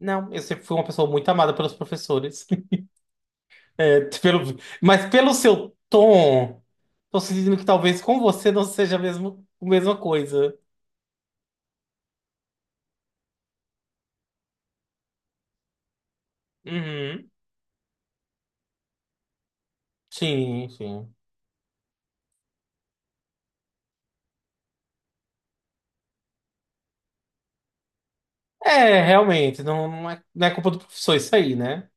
Não, eu sempre fui uma pessoa muito amada pelos professores. É, pelo, mas pelo seu tom, tô sentindo que talvez com você não seja a mesma coisa. Uhum. Sim, sim. Realmente, não é culpa do professor isso aí, né?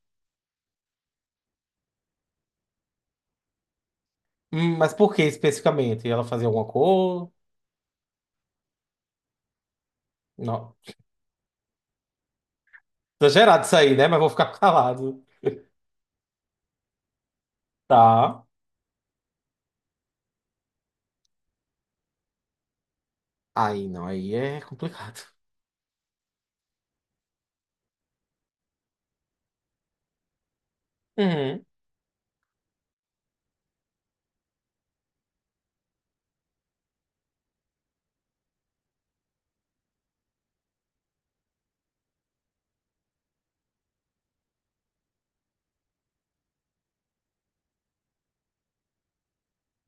Mas por que especificamente? Ela fazia alguma coisa? Não. Exagerado isso aí, né? Mas vou ficar calado. Tá. Aí não, aí é complicado. Uhum.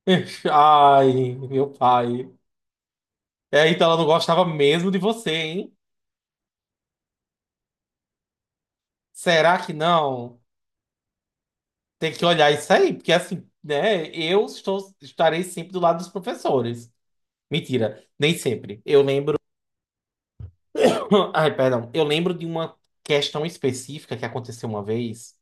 Ai, meu pai. É, então ela não gostava mesmo de você, hein? Será que não? Tem que olhar isso aí, porque assim, né? Estarei sempre do lado dos professores. Mentira, nem sempre. Eu lembro. Ai, perdão. Eu lembro de uma questão específica que aconteceu uma vez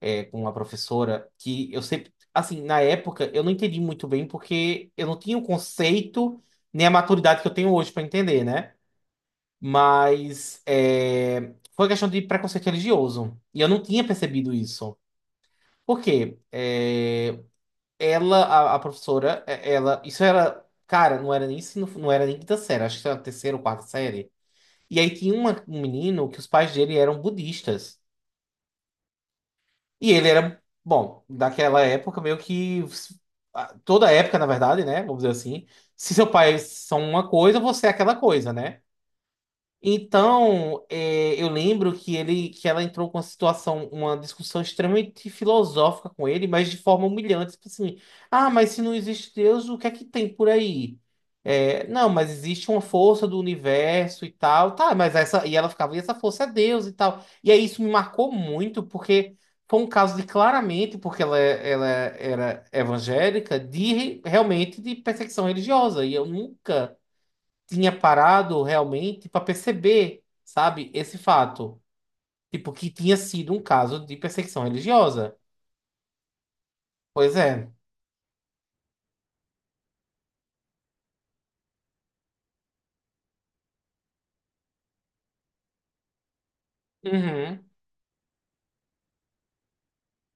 com uma professora que eu sempre. Assim, na época, eu não entendi muito bem porque eu não tinha o conceito nem a maturidade que eu tenho hoje para entender, né? Mas é, foi questão de preconceito religioso. E eu não tinha percebido isso. Por quê? Ela, a professora, isso era, cara, não era nem ensino, não era nem quinta série, acho que era terceira ou quarta série. E aí tinha um menino que os pais dele eram budistas. E ele era, bom, daquela época meio que ah, toda época, na verdade, né? Vamos dizer assim, se seu são uma coisa, você é aquela coisa, né? Então, é, eu lembro que ela entrou com uma situação, uma discussão extremamente filosófica com ele, mas de forma humilhante, tipo assim, ah, mas se não existe Deus, o que é que tem por aí? É, não, mas existe uma força do universo e tal, tá, mas essa, e ela ficava, e essa força é Deus e tal. E aí isso me marcou muito, porque foi um caso de claramente, porque ela era evangélica, de realmente de perseguição religiosa, e eu nunca tinha parado realmente para perceber, sabe, esse fato. Tipo, que tinha sido um caso de perseguição religiosa. Pois é. Uhum.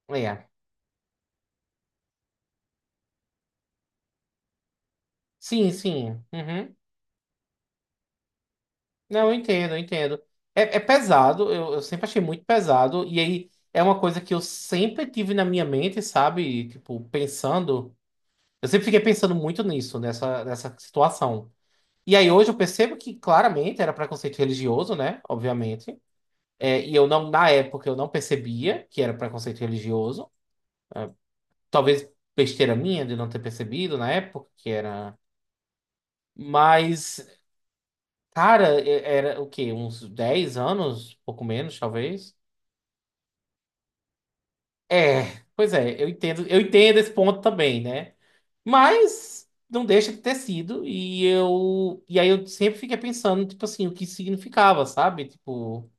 É. Sim, sim. Uhum. Não, eu entendo, eu entendo. É, é pesado, eu sempre achei muito pesado. E aí é uma coisa que eu sempre tive na minha mente, sabe? Tipo, pensando. Eu sempre fiquei pensando muito nessa situação. E aí hoje eu percebo que claramente era preconceito religioso, né? Obviamente. É, e eu não, na época, eu não percebia que era preconceito religioso. Talvez besteira minha de não ter percebido na época que era. Mas, cara, era o quê? Uns 10 anos, pouco menos, talvez. É, pois é, eu entendo esse ponto também, né? Mas não deixa de ter sido. E aí eu sempre fiquei pensando, tipo assim, o que isso significava, sabe? Tipo,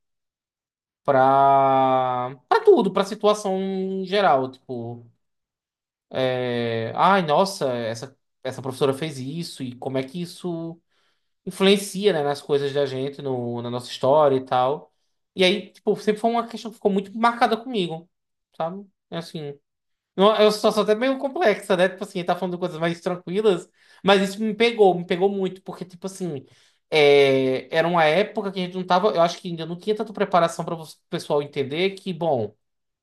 pra tudo, pra situação em geral, tipo. É, ai, nossa, essa professora fez isso e como é que isso influencia, né, nas coisas da gente, no, na nossa história e tal. E aí, tipo, sempre foi uma questão que ficou muito marcada comigo, sabe? É, assim, é uma situação até meio complexa, né? Tipo assim, tá falando de coisas mais tranquilas, mas isso me pegou muito, porque, tipo assim, é, era uma época que a gente não tava, eu acho que ainda não tinha tanta preparação para o pessoal entender que, bom,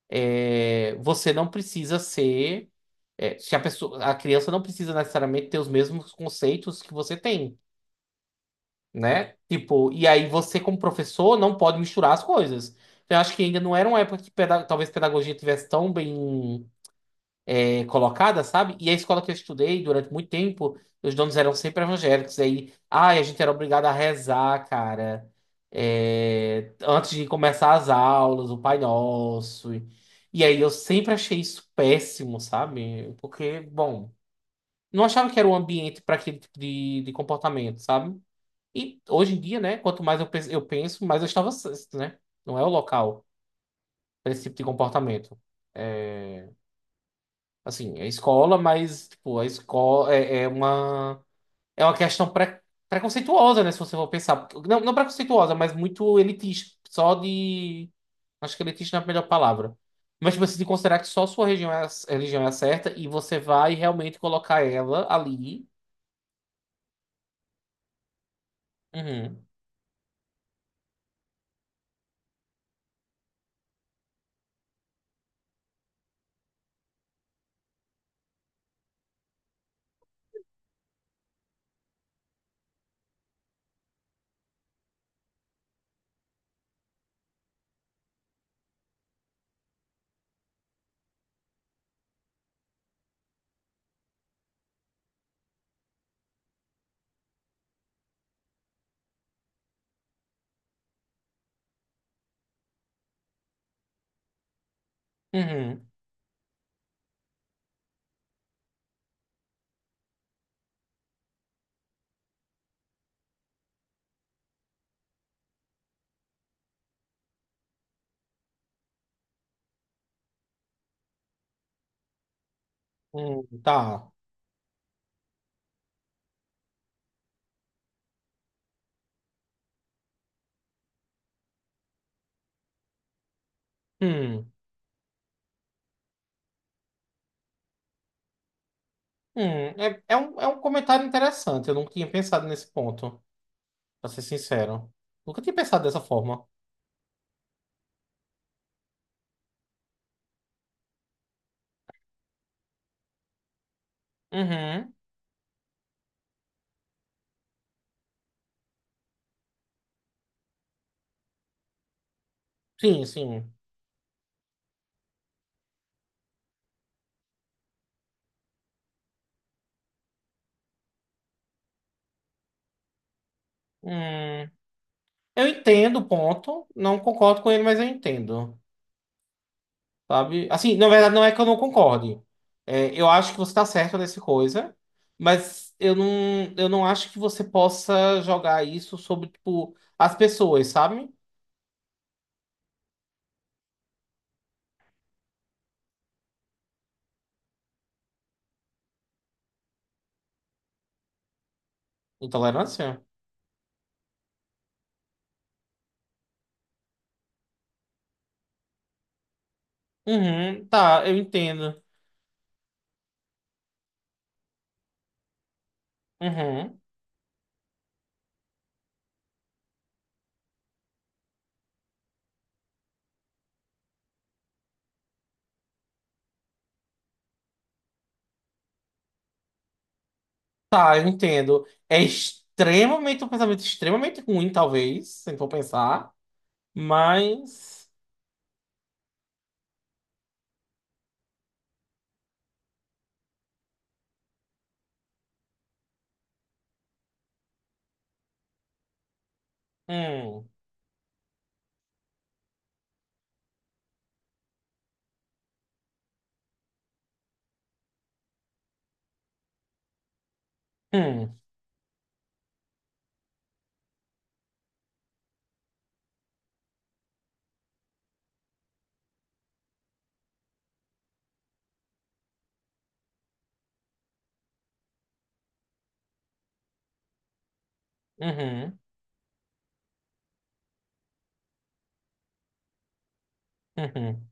é, você não precisa ser. É, se a pessoa, a criança não precisa necessariamente ter os mesmos conceitos que você tem, né? Tipo, e aí você, como professor, não pode misturar as coisas. Eu acho que ainda não era uma época que talvez pedagogia tivesse tão bem colocada, sabe? E a escola que eu estudei durante muito tempo, os donos eram sempre evangélicos. E aí, ai, a gente era obrigado a rezar, cara. É, antes de começar as aulas, o Pai Nosso. E aí eu sempre achei isso péssimo, sabe? Porque, bom, não achava que era o ambiente para aquele tipo de comportamento, sabe? E hoje em dia, né, quanto mais eu penso, mais eu estava, certo, né? Não é o local para esse tipo de comportamento. É, assim, é escola, mas tipo, é uma questão preconceituosa, né, se você for pensar. Porque- não, não preconceituosa, mas muito elitista, só de acho que elitista não é a melhor palavra. Mas tipo, você tem que considerar que só a sua religião é a certa e você vai realmente colocar ela ali. Uhum. Uhum. Tá. Hum, hum, é, é um comentário interessante. Eu nunca tinha pensado nesse ponto, pra ser sincero. Nunca tinha pensado dessa forma. Uhum. Sim, sim. Hum, eu entendo o ponto. Não concordo com ele, mas eu entendo. Sabe? Assim, na verdade, não é que eu não concorde. É, eu acho que você tá certo nessa coisa, mas eu não acho que você possa jogar isso sobre, tipo, as pessoas, sabe? Intolerância? Uhum, tá, eu entendo. Uhum. Tá, eu entendo. É extremamente um pensamento extremamente ruim, talvez, se for pensar. Mas. Hum, hum, uhum, uhum.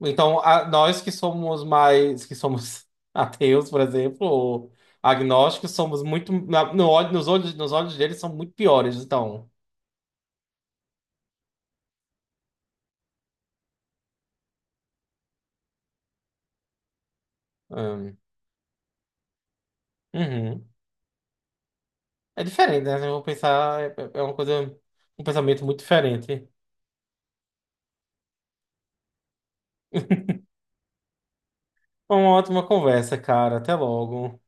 Então, nós que somos mais. Que somos ateus, por exemplo, ou agnósticos, somos muito. Na- no olho- nos olhos deles são muito piores, então. Hum, uhum. É diferente, né? Eu vou pensar. É uma coisa. Um pensamento muito diferente. Uma ótima conversa, cara. Até logo.